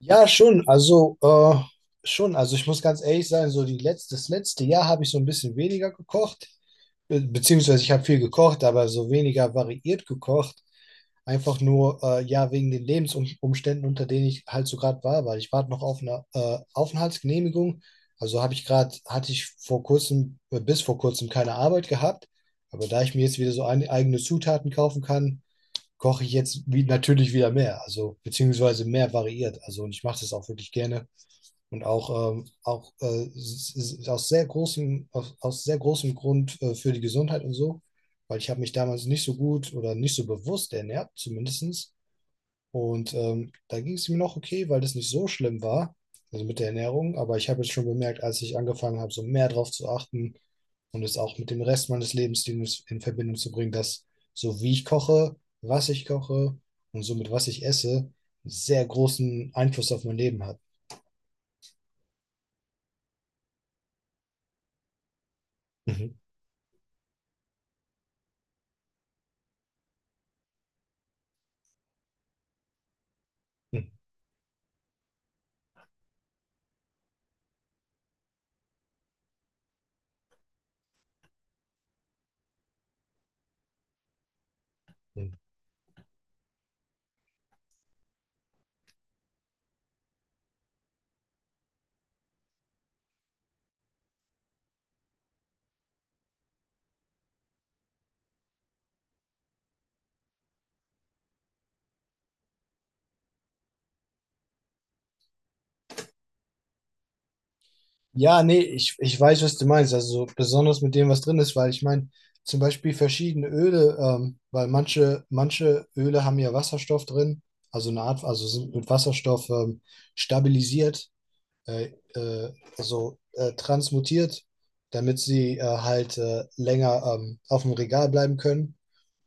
Ja, schon. Schon. Also, ich muss ganz ehrlich sein, so das letzte Jahr habe ich so ein bisschen weniger gekocht. Be Beziehungsweise, ich habe viel gekocht, aber so weniger variiert gekocht. Einfach nur, ja, wegen den Lebensumständen, unter denen ich halt so gerade war, weil ich warte noch auf eine Aufenthaltsgenehmigung. Hatte ich vor kurzem, bis vor kurzem keine Arbeit gehabt. Aber da ich mir jetzt wieder eigene Zutaten kaufen kann, koche ich jetzt natürlich wieder mehr, also beziehungsweise mehr variiert. Also und ich mache das auch wirklich gerne und auch, auch s- s- aus sehr großem, aus, aus sehr großem Grund für die Gesundheit und so, weil ich habe mich damals nicht so gut oder nicht so bewusst ernährt, zumindest. Und da ging es mir noch okay, weil das nicht so schlimm war, also mit der Ernährung. Aber ich habe jetzt schon bemerkt, als ich angefangen habe, so mehr drauf zu achten und es auch mit dem Rest meines Lebensstils in Verbindung zu bringen, dass so wie ich koche, was ich koche und somit was ich esse, einen sehr großen Einfluss auf mein Leben hat. Mhm. Mhm. Ja, nee, ich weiß, was du meinst. Also so besonders mit dem, was drin ist, weil ich meine, zum Beispiel verschiedene Öle, weil manche Öle haben ja Wasserstoff drin, also eine Art, also sind mit Wasserstoff stabilisiert, äh, äh, also transmutiert, damit sie halt länger auf dem Regal bleiben können.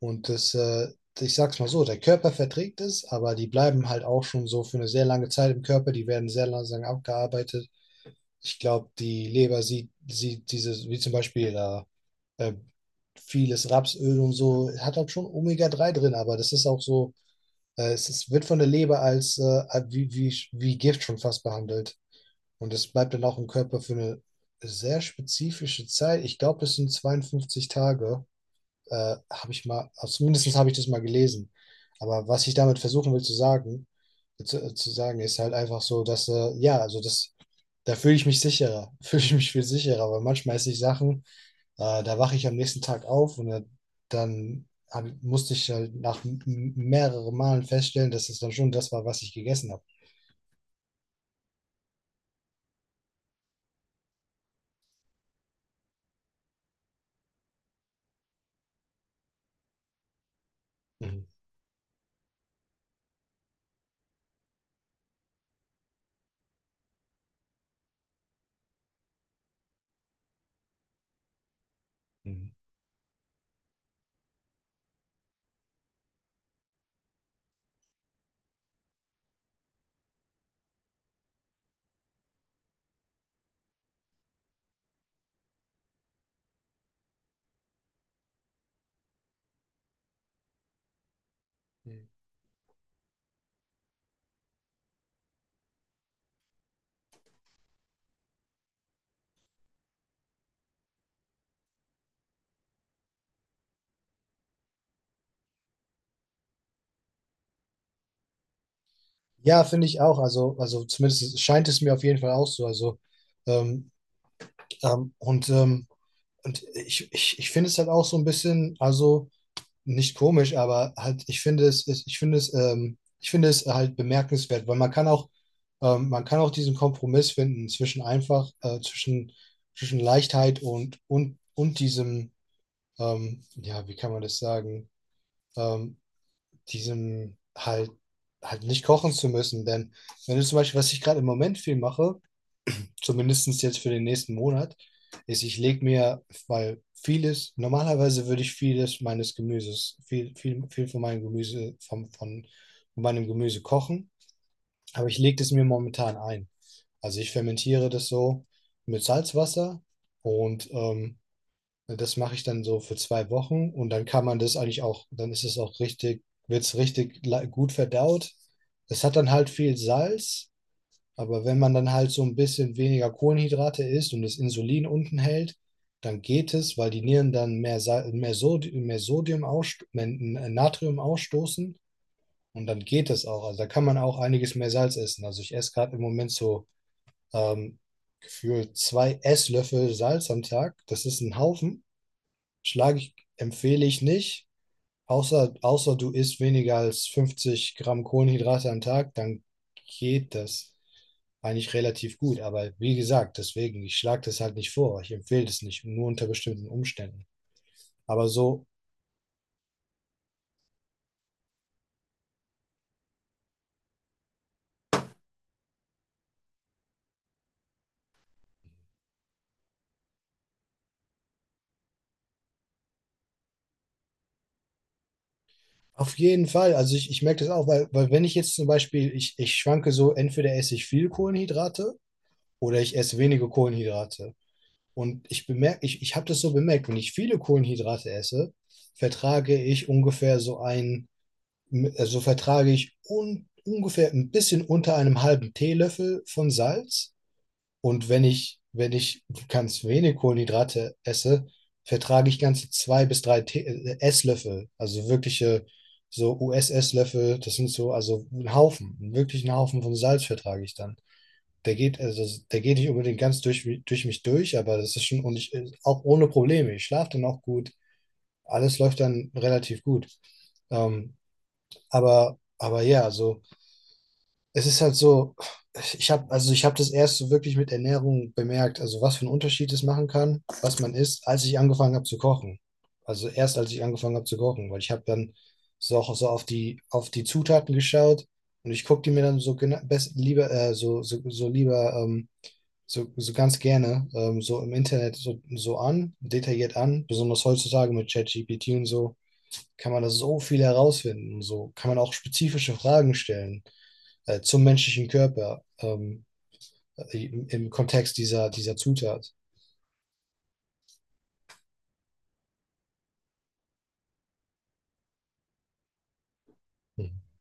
Und das, äh, ich sag's mal so, der Körper verträgt es, aber die bleiben halt auch schon so für eine sehr lange Zeit im Körper, die werden sehr langsam abgearbeitet. Ich glaube, die Leber sieht dieses, wie zum Beispiel da, äh, vieles Rapsöl und so, hat halt schon omega drei drin, aber das ist auch so, es ist, wird von der Leber als wie Gift schon fast behandelt. Und es bleibt dann auch im Körper für eine sehr spezifische Zeit. Ich glaube, das sind 52 Tage, habe ich mal, also zumindest habe ich das mal gelesen. Aber was ich damit versuchen will zu sagen, zu sagen, ist halt einfach so, dass, ja, also das da fühle ich mich sicherer, fühle ich mich viel sicherer, weil manchmal esse ich Sachen, da wache ich am nächsten Tag auf und dann musste ich halt nach mehreren Malen feststellen, dass es dann schon das war, was ich gegessen habe. Mhm. Mhm. Mhm. Ja, finde ich auch. Also zumindest scheint es mir auf jeden Fall auch so. Ähm, ähm, und, ähm, und ich finde es halt auch so ein bisschen, also nicht komisch, aber halt, ich finde es halt bemerkenswert, weil man kann auch diesen Kompromiss finden zwischen einfach, zwischen Leichtheit und und diesem, ja, wie kann man das sagen, ähm, diesem halt, halt nicht kochen zu müssen. Denn wenn du zum Beispiel, was ich gerade im Moment viel mache, zumindest jetzt für den nächsten Monat, ist, ich lege mir, weil vieles, normalerweise würde ich vieles meines Gemüses, viel von meinem Gemüse, von meinem Gemüse kochen, aber ich lege es mir momentan ein. Also ich fermentiere das so mit Salzwasser und das mache ich dann so für 2 Wochen und dann kann man das eigentlich auch, dann ist es auch richtig, wird es richtig gut verdaut. Es hat dann halt viel Salz, aber wenn man dann halt so ein bisschen weniger Kohlenhydrate isst und das Insulin unten hält, dann geht es, weil die Nieren dann mehr Sodium ausst- mehr Natrium ausstoßen und dann geht es auch. Also da kann man auch einiges mehr Salz essen. Also ich esse gerade im Moment so ähm, gefühlt 2 Esslöffel Salz am Tag. Das ist ein Haufen. Empfehle ich nicht. Außer du isst weniger als 50 Gramm Kohlenhydrate am Tag, dann geht das eigentlich relativ gut. Aber wie gesagt, deswegen, ich schlage das halt nicht vor. Ich empfehle das nicht, nur unter bestimmten Umständen. Aber so auf jeden Fall. Also ich merke das auch, weil wenn ich jetzt zum Beispiel, ich schwanke so, entweder esse ich viel Kohlenhydrate oder ich esse wenige Kohlenhydrate. Und ich bemerke, ich habe das so bemerkt, wenn ich viele Kohlenhydrate esse, vertrage ich ungefähr so vertrage ich ungefähr ein bisschen unter einem halben Teelöffel von Salz. Und wenn ich ganz wenig Kohlenhydrate esse, vertrage ich ganze 2 bis 3 Esslöffel, also wirkliche so US-Esslöffel, das sind so, also ein Haufen, wirklich einen Haufen von Salz vertrage ich dann. Also der geht nicht unbedingt ganz durch mich durch, aber das ist schon, und ich, auch ohne Probleme. Ich schlafe dann auch gut. Alles läuft dann relativ gut. Ähm, aber ja, so, es ist halt so, ich habe, also ich habe das erst so wirklich mit Ernährung bemerkt, also was für einen Unterschied es machen kann, was man isst, als ich angefangen habe zu kochen. Also erst als ich angefangen habe zu kochen, weil ich habe dann so auch so auf auf die Zutaten geschaut und ich gucke die mir dann so gena- best, lieber, so, so, so lieber, ganz gerne, so im Internet so detailliert an, besonders heutzutage mit ChatGPT und so kann man da so viel herausfinden. So kann man auch spezifische Fragen stellen zum menschlichen Körper, im Kontext dieser Zutat. Mhm.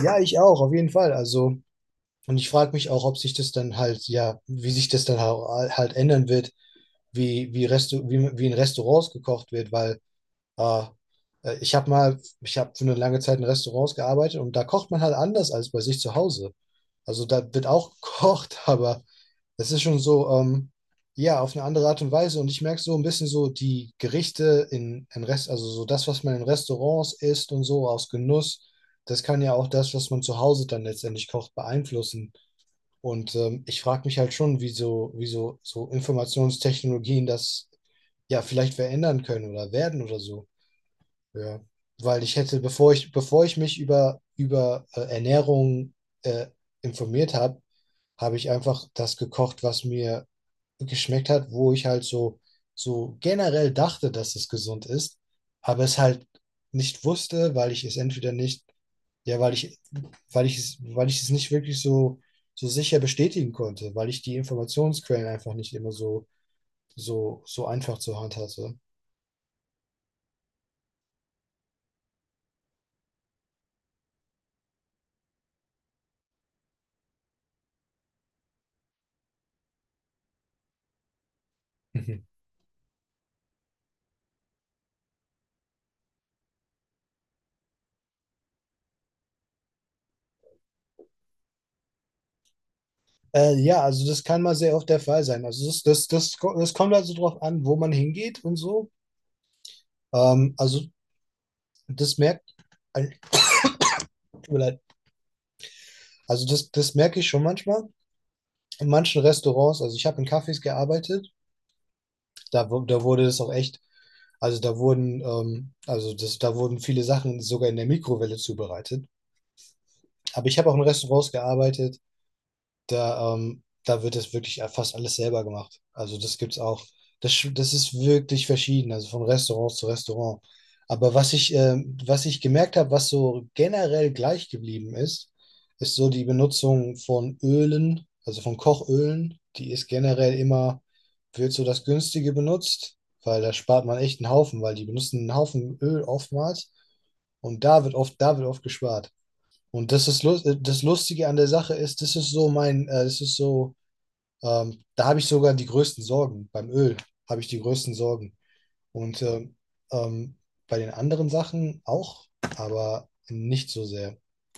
Ja, ich auch, auf jeden Fall. Also, und ich frage mich auch, ob sich das dann halt, ja, wie sich das dann halt ändern wird, wie in Restaurants gekocht wird, weil äh, ich habe mal, ich habe für eine lange Zeit in Restaurants gearbeitet und da kocht man halt anders als bei sich zu Hause. Also da wird auch gekocht, aber es ist schon so, ja, auf eine andere Art und Weise. Und ich merke so ein bisschen so die Gerichte also so das, was man in Restaurants isst und so aus Genuss, das kann ja auch das, was man zu Hause dann letztendlich kocht, beeinflussen. Und ich frage mich halt schon, so Informationstechnologien das ja vielleicht verändern können oder werden oder so. Ja. Weil ich hätte, bevor ich mich über Ernährung äh, informiert habe, habe ich einfach das gekocht, was mir geschmeckt hat, wo ich halt so, so generell dachte, dass es gesund ist, aber es halt nicht wusste, weil ich es entweder nicht, ja, weil ich es nicht wirklich so, so sicher bestätigen konnte, weil ich die Informationsquellen einfach nicht immer so einfach zur Hand hatte. Mhm. Ja, also das kann mal sehr oft der Fall sein. Also das kommt also drauf an, wo man hingeht und so. Also das merkt, äh, tut mir leid. Also das merke ich schon manchmal, in manchen Restaurants, also ich habe in Cafés gearbeitet, da wurde es auch echt, also da wurden, da wurden viele Sachen sogar in der Mikrowelle zubereitet. Aber ich habe auch in Restaurants gearbeitet, da, da wird das wirklich fast alles selber gemacht. Also das gibt's auch. Das ist wirklich verschieden, also von Restaurant zu Restaurant. Aber was ich gemerkt habe, was so generell gleich geblieben ist, ist so die Benutzung von Ölen, also von Kochölen. Die ist generell immer, wird so das Günstige benutzt, weil da spart man echt einen Haufen, weil die benutzen einen Haufen Öl oftmals und da wird oft gespart. Und das ist lust das Lustige an der Sache ist, das ist so mein, das ist so, da habe ich sogar die größten Sorgen. Beim Öl habe ich die größten Sorgen. Und ähm, ähm, Bei den anderen Sachen auch, aber nicht so sehr.